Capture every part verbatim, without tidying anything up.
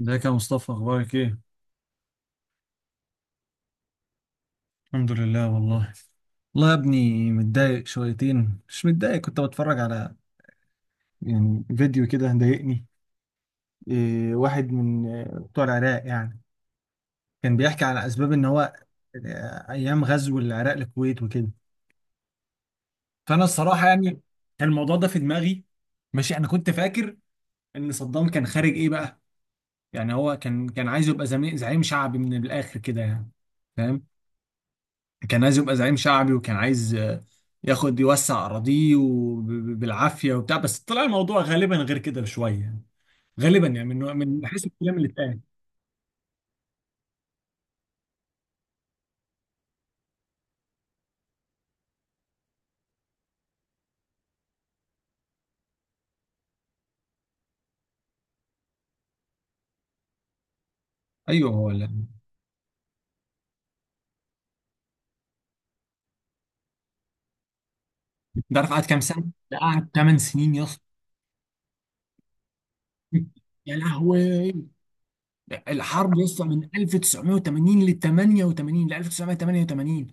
ازيك يا مصطفى؟ اخبارك ايه؟ الحمد لله والله. والله يا ابني متضايق شويتين، مش متضايق، كنت بتفرج على يعني فيديو كده ضايقني. إيه، واحد من آه، بتوع العراق يعني، كان بيحكي على اسباب ان هو آه، ايام غزو العراق للكويت وكده. فانا الصراحه يعني كان الموضوع ده في دماغي. ماشي، انا كنت فاكر ان صدام كان خارج ايه بقى. يعني هو كان كان عايز يبقى زمي- زعيم شعبي من الاخر كده يعني، فاهم؟ كان عايز يبقى زعيم شعبي، وكان عايز آه، ياخد يوسع أراضيه وب- ب- بالعافية وبتاع، بس طلع الموضوع غالبا غير كده بشوية. غالبا يعني من من حيث الكلام اللي اتقال. ايوه، هو لا. ده عارف قعد كام سنة؟ ده قعد ثماني سنين يا اسطى. يا لهوي. الحرب يا اسطى من ألف وتسعمية وتمانين ل تمانية وتمانين ل ألف وتسعمية وتمانية وتمانين.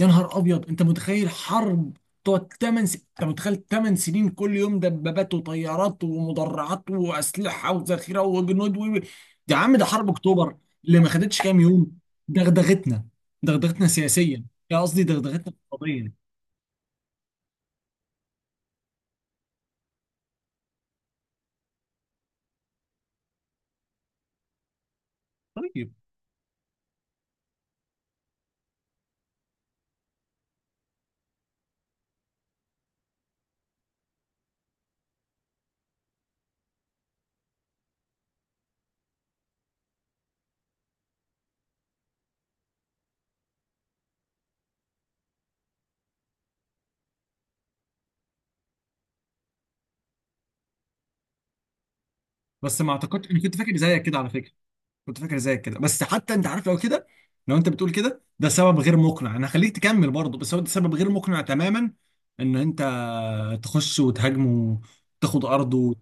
يا نهار ابيض، انت متخيل حرب تقعد تمن س... انت متخيل ثماني سنين كل يوم دبابات وطيارات ومدرعات واسلحه وذخيره وجنود و... يا عم ده حرب اكتوبر اللي ما خدتش كام يوم. دغدغتنا دغدغتنا سياسيا. يا قصدي دغدغتنا اقتصاديا. طيب. بس ما اعتقدش، انا كنت فاكر زيك كده على فكره، كنت فاكر زيك كده، بس حتى انت عارف لو كده، لو انت بتقول كده ده سبب غير مقنع. انا هخليك تكمل برضه، بس هو ده سبب غير مقنع تماما، ان انت تخش وتهاجمه وتاخد ارضه و...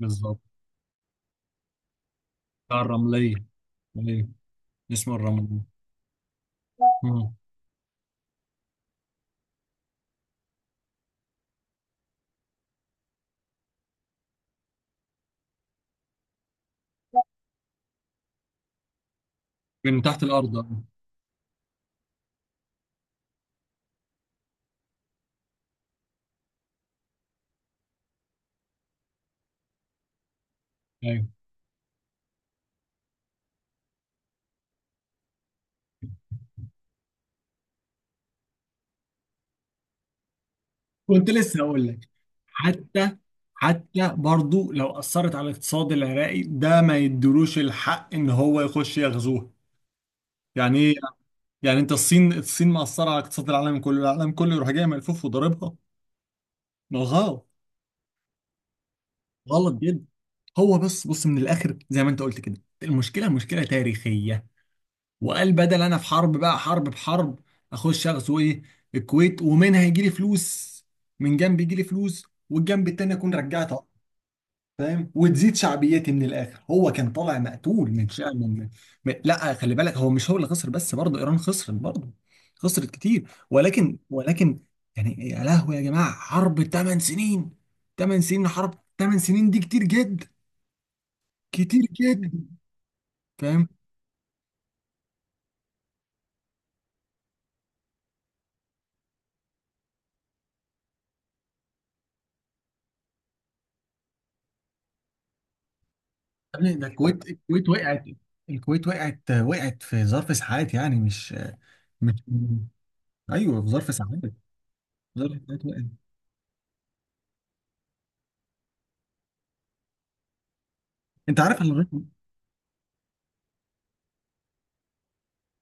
بالظبط. بتاع الرمليه. ايوه، اسمه الرمليه. مم. من تحت الارض، آه. ايوه، كنت لسه هقول لك. حتى حتى برضه لو اثرت على الاقتصاد العراقي، ده ما يدلوش الحق ان هو يخش يغزوه. يعني إيه؟ يعني انت الصين، الصين مأثرة على اقتصاد العالم كله، العالم كله يروح جاي ملفوف وضاربها؟ ما هو غلط، غلط جدا. هو بس بص، من الاخر زي ما انت قلت كده، المشكلة مشكلة تاريخية. وقال بدل انا في حرب بقى، حرب بحرب، اخش اغزو ايه؟ الكويت، ومنها يجي لي فلوس. من جنب يجي لي فلوس، والجنب التاني اكون رجعت، فاهم، وتزيد شعبيتي. من الاخر، هو كان طالع مقتول من شأن من... من... لا، خلي بالك، هو مش هو اللي خسر بس، برضه ايران خسرت برضه، خسرت كتير، ولكن. ولكن يعني يا لهوي يا جماعه، حرب ثماني سنين، تمن سنين، حرب تمن سنين دي كتير جدا، كتير جدا. فاهم يا ابني، ده الكويت، الكويت وقعت، الكويت وقعت، وقعت في ظرف ساعات، يعني مش مش ايوه، في ظرف ساعات، في ظرف ساعات وقعت. انت عارف انا لغايه،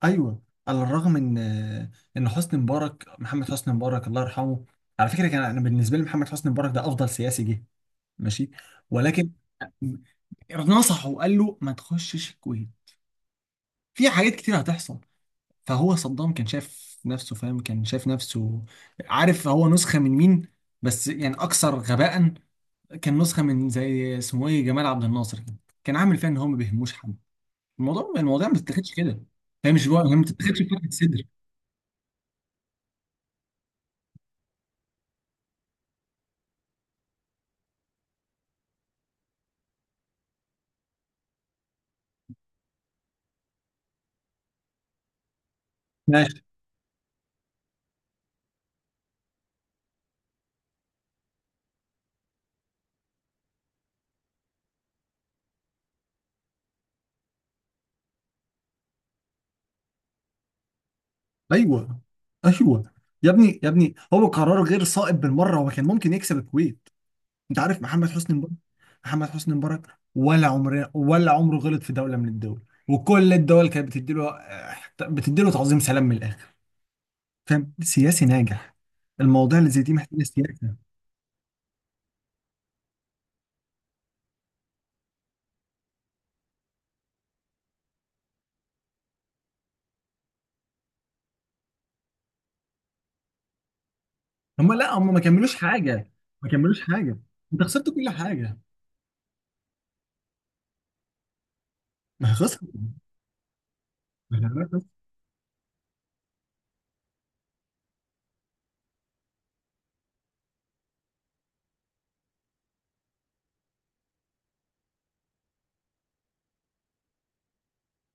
ايوه، على الرغم ان ان حسني مبارك، محمد حسني مبارك الله يرحمه، على فكره كان، انا بالنسبه لي محمد حسني مبارك ده افضل سياسي جه. ماشي، ولكن نصحه وقال له ما تخشش الكويت، في حاجات كتير هتحصل. فهو صدام كان شايف نفسه، فاهم، كان شايف نفسه، عارف هو نسخه من مين؟ بس يعني اكثر غباء. كان نسخه من، زي اسمه ايه، جمال عبد الناصر كده. كان عامل فيها ان هو ما بيهموش حد. الموضوع الموضوع ما بتتاخدش كده، فاهم، مش هو ما بتتاخدش بفتحه صدر. ايوه، ايوه. يا ابني يا ابني، هو قرار غير صائب بالمره، هو كان ممكن يكسب الكويت. انت عارف محمد حسني مبارك، محمد حسني مبارك ولا عمره، ولا عمره غلط في دوله من الدول، وكل الدول كانت بتديله آه، بتديله تعظيم سلام من الاخر. فاهم، سياسي ناجح. المواضيع اللي زي دي محتاجه سياسه. هم لا، هم ما كملوش حاجه، ما كملوش حاجه، انت خسرت كل حاجه. ما خسرت.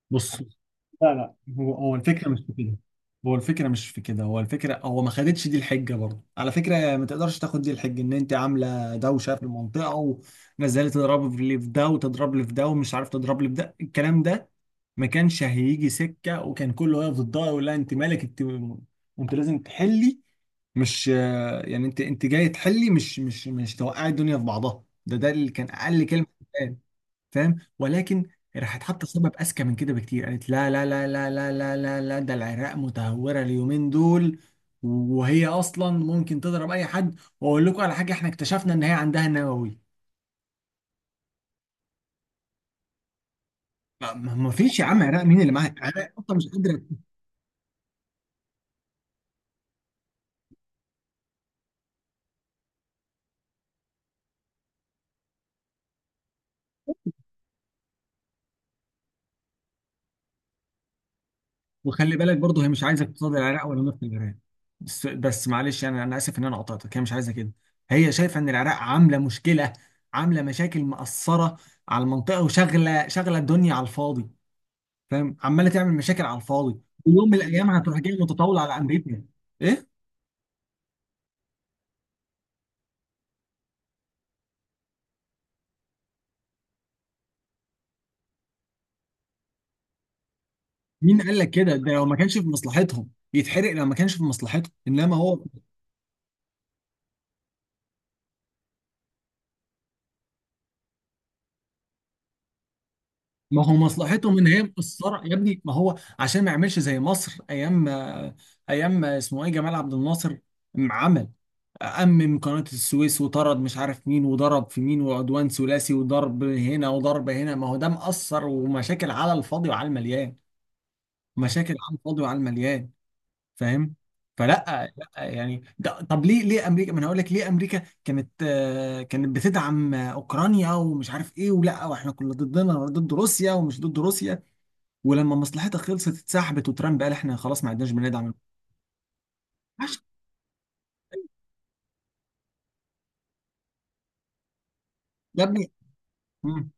بص، لا لا، هو هو الفكره مش في كده، هو الفكره مش في كده، هو الفكره، هو ما خدتش دي الحجه برضه على فكره. ما تقدرش تاخد دي الحجه ان انت عامله دوشه في المنطقه، ونزلت تضرب لي في ده وتضرب لي في ده ومش عارف تضرب لي في ده، الكلام ده ما كانش هيجي سكه، وكان كله واقف ضدها يقول لها انت مالك انت؟ انت لازم تحلي، مش، يعني انت انت جاي تحلي، مش مش مش توقعي الدنيا في بعضها، ده ده اللي كان اقل كلمه، فاهم. ولكن راحت حاطه سبب اذكى من كده بكتير، قالت لا لا لا لا لا لا لا لا، ده العراق متهوره اليومين دول، وهي اصلا ممكن تضرب اي حد، واقول لكم على حاجه، احنا اكتشفنا ان هي عندها نووي. ما ما- ما فيش يا عم، عراق مين اللي معاها؟ العراق اصلا مش قادره. وخلي بالك برضه، هي مش عايزه اقتصاد العراق ولا نفط العراق. بس بس معلش، انا، انا اسف ان انا قطعتك، هي مش عايزه كده. هي شايفه ان العراق عامله مشكله، عامله مشاكل مأثره على المنطقه، وشغله، شغله الدنيا على الفاضي، فاهم، عماله تعمل مشاكل على الفاضي، ويوم من الايام هتروح جايه متطاوله على امريكا. ايه، مين قال لك كده؟ ده لو ما كانش في مصلحتهم يتحرق، لو ما كانش في مصلحته انما هو. ما هو مصلحتهم ان هي مقصره يا ابني، ما هو عشان ما يعملش زي مصر ايام، ايام اسمه ايه، جمال عبد الناصر، م- عمل أمم قناة السويس، وطرد مش عارف مين، وضرب في مين، وعدوان ثلاثي، وضرب هنا وضرب هنا. ما هو ده مأثر، ومشاكل على الفاضي وعلى المليان، مشاكل على الفاضي وعلى المليان، فاهم. فلا، لا يعني ده، طب ليه، ليه امريكا، ما انا هقول لك، ليه امريكا كانت آه، كانت بتدعم آه، اوكرانيا ومش عارف ايه، ولا واحنا كنا ضدنا ضد روسيا ومش ضد روسيا، ولما مصلحتها خلصت اتسحبت، وترامب قال احنا خلاص ما عدناش بندعم. عشان، يا ابني. مم.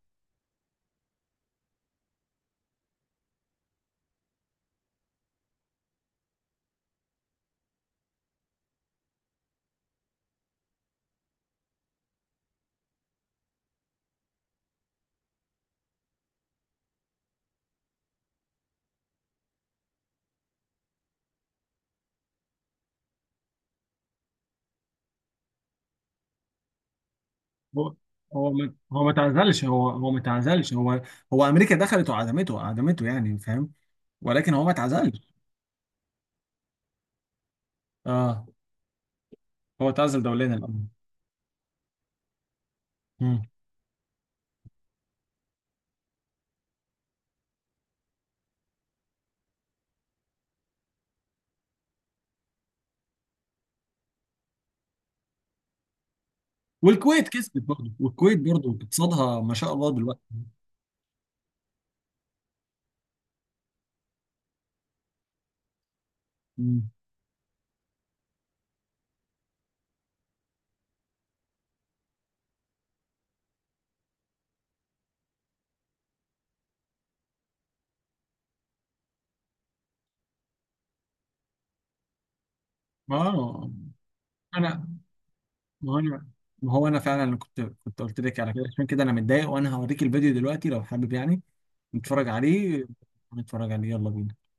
هو، هو ما هو، ما تعزلش هو هو ما تعزلش هو، هو امريكا دخلت وعدمته، عدمته يعني، فاهم، ولكن هو ما تعزلش. اه، هو تعزل دوليا الامر. مم. والكويت كسبت برضه، والكويت برضه اقتصادها ما شاء الله دلوقتي. مم. ما هو انا، ما هو انا ما هو انا فعلا كنت، كنت قلت لك على كده، عشان كده انا متضايق، وانا هوريك الفيديو دلوقتي لو حابب، يعني نتفرج عليه، نتفرج عليه، يلا بينا.